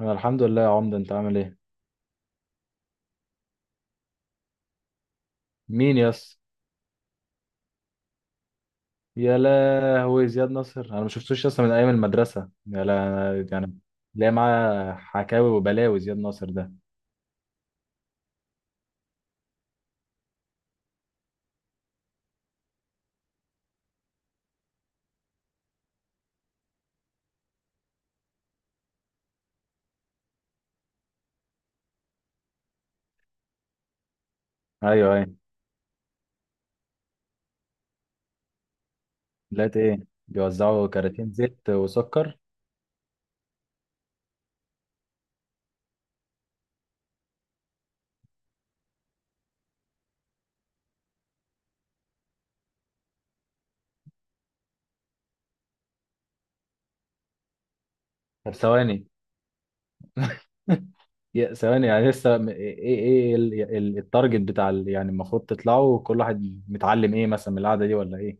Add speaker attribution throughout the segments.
Speaker 1: أنا الحمد لله يا عمده، انت عامل ايه؟ مين يس؟ يا لهوي زياد نصر، انا ما شفتوش يس من ايام المدرسه يا لا يعني. ليه معاه حكاوي وبلاوي زياد نصر ده. ايوه. لقيت ايه؟ بيوزعوا كراتين زيت وسكر. طب ثواني. يا ثواني يعني لسه ايه إيه التارجت بتاع يعني المفروض تطلعوا كل واحد متعلم ايه مثلا من القعده دي، ولا ايه؟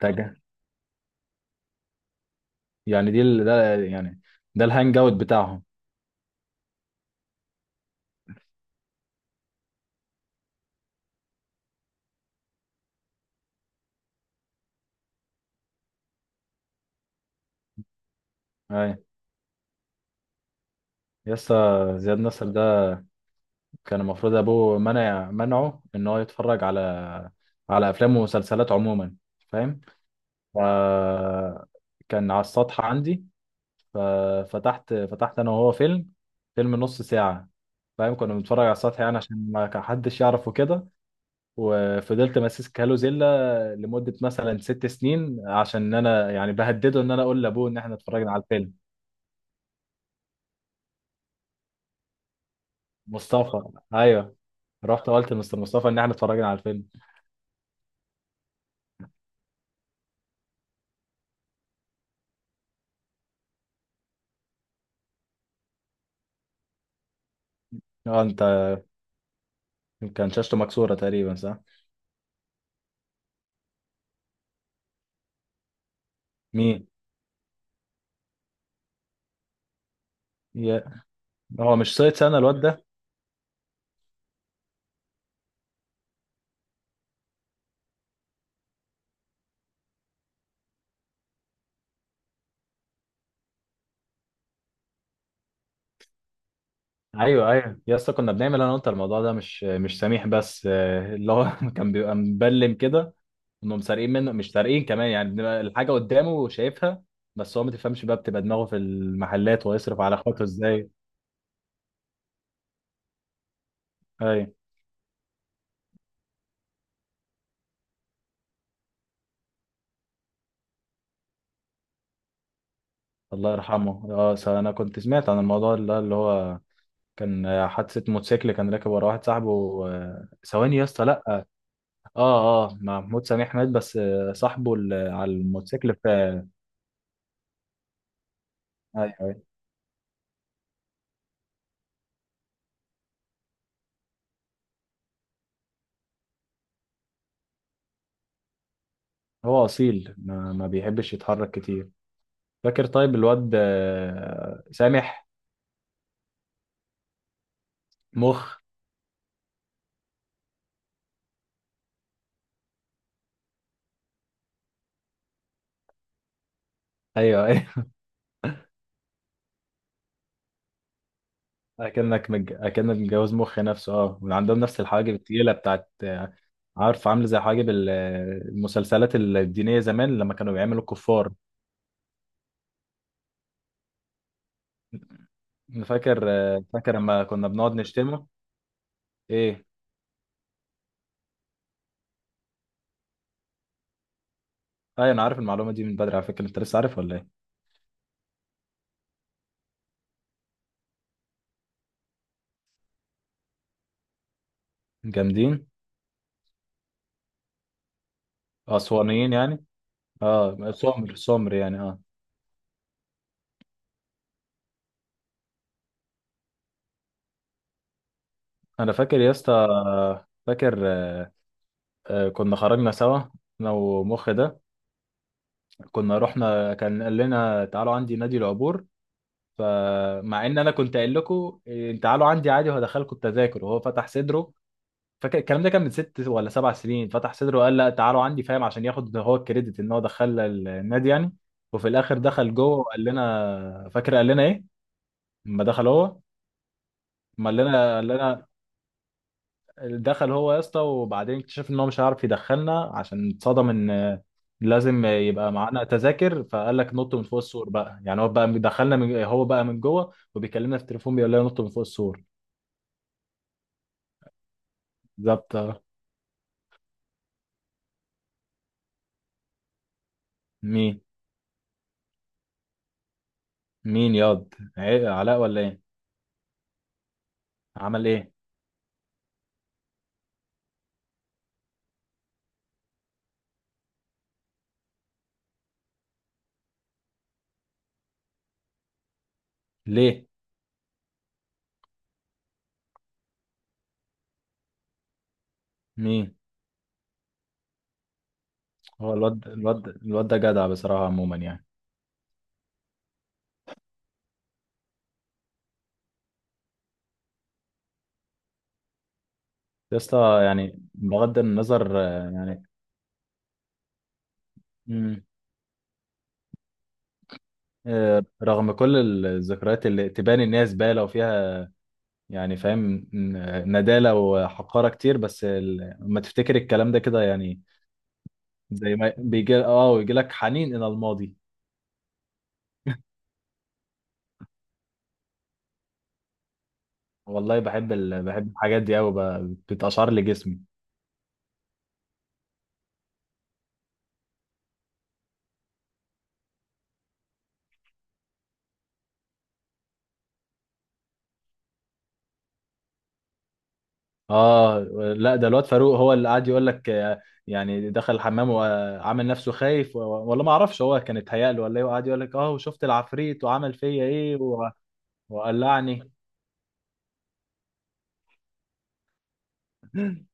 Speaker 1: تاجه. يعني ده يعني. ده الهانج اوت بتاعهم. ايوه. يسا زياد نصر، كان المفروض ابوه منعه ان هو يتفرج على على افلام ومسلسلات عموما، فاهم؟ ف كان على السطح عندي، فتحت انا وهو فيلم، فيلم نص ساعة. فاهم؟ كنا بنتفرج على السطح يعني عشان ما كان حدش يعرفه كده. وفضلت ماسك هالو زيلا لمدة مثلا ست سنين، عشان انا يعني بهدده ان انا اقول لابوه ان احنا اتفرجنا على الفيلم. مصطفى، ايوه. رحت قلت لمستر مصطفى ان احنا اتفرجنا على الفيلم. اه انت، كان شاشته مكسورة تقريبا، صح؟ مين؟ يا، هو مش سايت سنة الواد ده؟ ايوه ايوه يا اسطى، كنا بنعمل انا وانت الموضوع ده، مش سميح بس آه، اللي هو كان بيبقى مبلم كده. انهم سارقين منه، مش سارقين كمان يعني، بنبقى الحاجه قدامه وشايفها. بس هو ما تفهمش بقى، بتبقى دماغه في المحلات ويصرف على اخواته ازاي. ايوه. الله يرحمه. اه، انا كنت سمعت عن الموضوع، اللي هو كان آه، حادثه موتوسيكل، كان راكب ورا واحد صاحبه. آه، ثواني يا اسطى، لا. اه اه، محمود سميح مات، بس آه، صاحبه اللي على الموتوسيكل في. ايوه، أيوه. هو اصيل، ما بيحبش يتحرك كتير. فاكر طيب الواد آه، سامح؟ مخ. ايوه ايوه. اكنك متجوز مخ نفسه. اه، وعندهم نفس الحواجب التقيله بتاعت آه، عارف، عامله زي حواجب المسلسلات الدينيه زمان لما كانوا بيعملوا الكفار. فاكر آه، فاكر لما كنا بنقعد نشتمه. ايه؟ ايوه، انا عارف المعلومه دي من بدري على فكره، انت لسه عارف ولا ايه؟ جامدين. اسوانيين يعني. اه، سمر سمر يعني، اه. انا فاكر يا اسطى. فاكر آه، آه، كنا خرجنا سوا، انا ومخ ده. كنا رحنا، كان قال لنا تعالوا عندي نادي العبور. فمع ان انا كنت قايل لكم إيه، تعالوا عندي عادي وهدخلكم التذاكر، وهو فتح صدره. فاكر الكلام ده كان من ست ولا سبع سنين. فتح صدره وقال لا، تعالوا عندي، فاهم؟ عشان ياخد هو الكريدت ان هو دخلنا النادي يعني. وفي الاخر دخل جوه، وقال لنا، فاكر قال لنا ايه؟ لما دخل هو. ما قال لنا، قال لنا، دخل هو يا اسطى، وبعدين اكتشف ان هو مش هيعرف يدخلنا، عشان اتصدم ان لازم يبقى معانا تذاكر. فقال لك نط من فوق السور بقى، يعني هو بقى دخلنا، من هو بقى من جوه وبيكلمنا في التليفون بيقول لنا نط من فوق السور. بالظبط، اه. مين؟ مين ياض علاء ولا ايه؟ عمل ايه؟ ليه؟ مين؟ هو الواد الواد ده جدع بصراحة عموما يعني. يا اسطى يعني، بغض النظر آه، يعني، مم، آه، رغم كل الذكريات اللي تبان ان هي زبالة وفيها يعني، فاهم، ندالة وحقارة كتير، بس لما تفتكر الكلام ده كده يعني، زي ما بيجي اه، ويجي لك حنين إلى الماضي. والله بحب بحب الحاجات دي أوي، بتقشعر لي جسمي. اه، لا ده الواد فاروق هو اللي قاعد يقول لك آه، يعني دخل الحمام وعامل نفسه خايف، و... ولا ما اعرفش هو كان اتهيأ له ولا ايه، وقعد يقول لك اه وشفت العفريت وعمل فيا ايه و... وقلعني.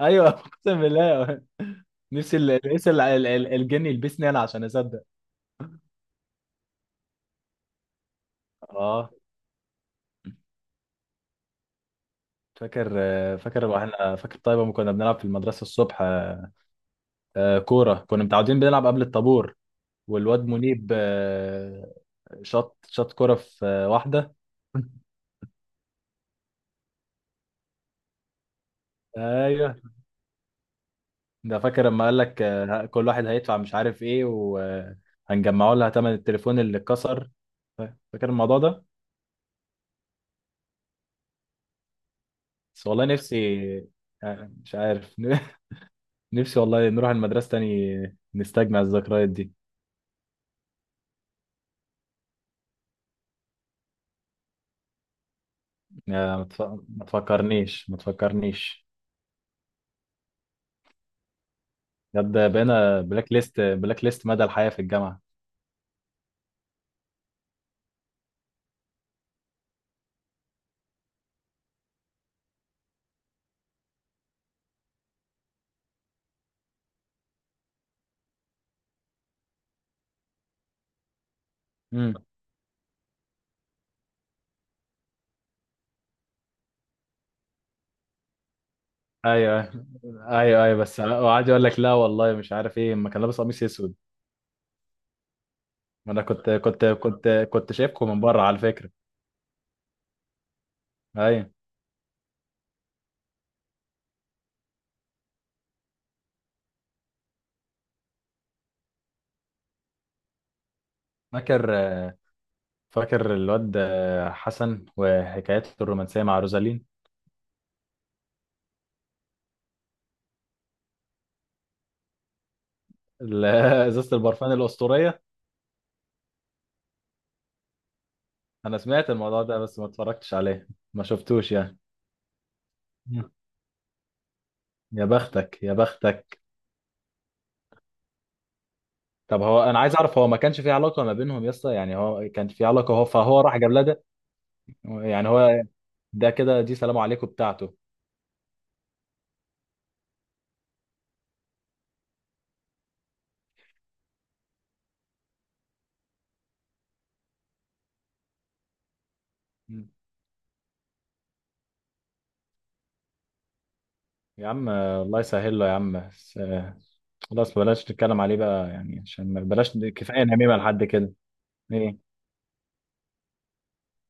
Speaker 1: ايوه، اقسم بالله. نفسي الجن يلبسني انا عشان اصدق. اه. فاكر، فاكر واحنا، فاكر طيب لما كنا بنلعب في المدرسه الصبح آه، كوره، كنا متعودين بنلعب قبل الطابور. والواد منيب آه، شاط كوره في آه، واحده. ايوه. ده فاكر لما قال لك آه، كل واحد هيدفع مش عارف ايه وهنجمعوا لها ثمن التليفون اللي اتكسر. فاكر الموضوع ده؟ بس والله نفسي آه، مش عارف. نفسي والله نروح المدرسه تاني نستجمع الذكريات دي. آه، ما تفكرنيش. بجد بقينا بلاك ليست، بلاك ليست مدى الحياة في الجامعة. امم. ايوه ايوه ايوه، بس وقعد يقول لك لا والله مش عارف ايه، ما كان لابس قميص اسود. ما انا كنت شايفكم من بره على فكرة. ايوه. فاكر، فاكر الواد حسن وحكايته الرومانسية مع روزالين. ال- ازازة البرفان الأسطورية. انا سمعت الموضوع ده بس ما اتفرجتش عليه، ما شفتوش يعني. مم. يا بختك، يا بختك. طب هو، انا عايز اعرف، هو ما كانش في علاقة ما بينهم يا اسطى؟ يعني هو كان في علاقة، هو فهو راح جاب لها؟ يعني هو، ده كده دي سلام عليكم بتاعته. مم. يا عم آه، الله يسهل له يا عم بس، آه، خلاص بلاش نتكلم عليه بقى يعني، عشان بلاش، كفايه نميمه لحد كده. ايه؟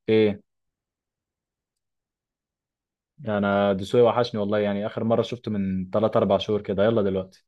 Speaker 1: ايه؟ انا دسوقي وحشني والله، يعني اخر مره شفته من 3 4 شهور كده. يلا دلوقتي.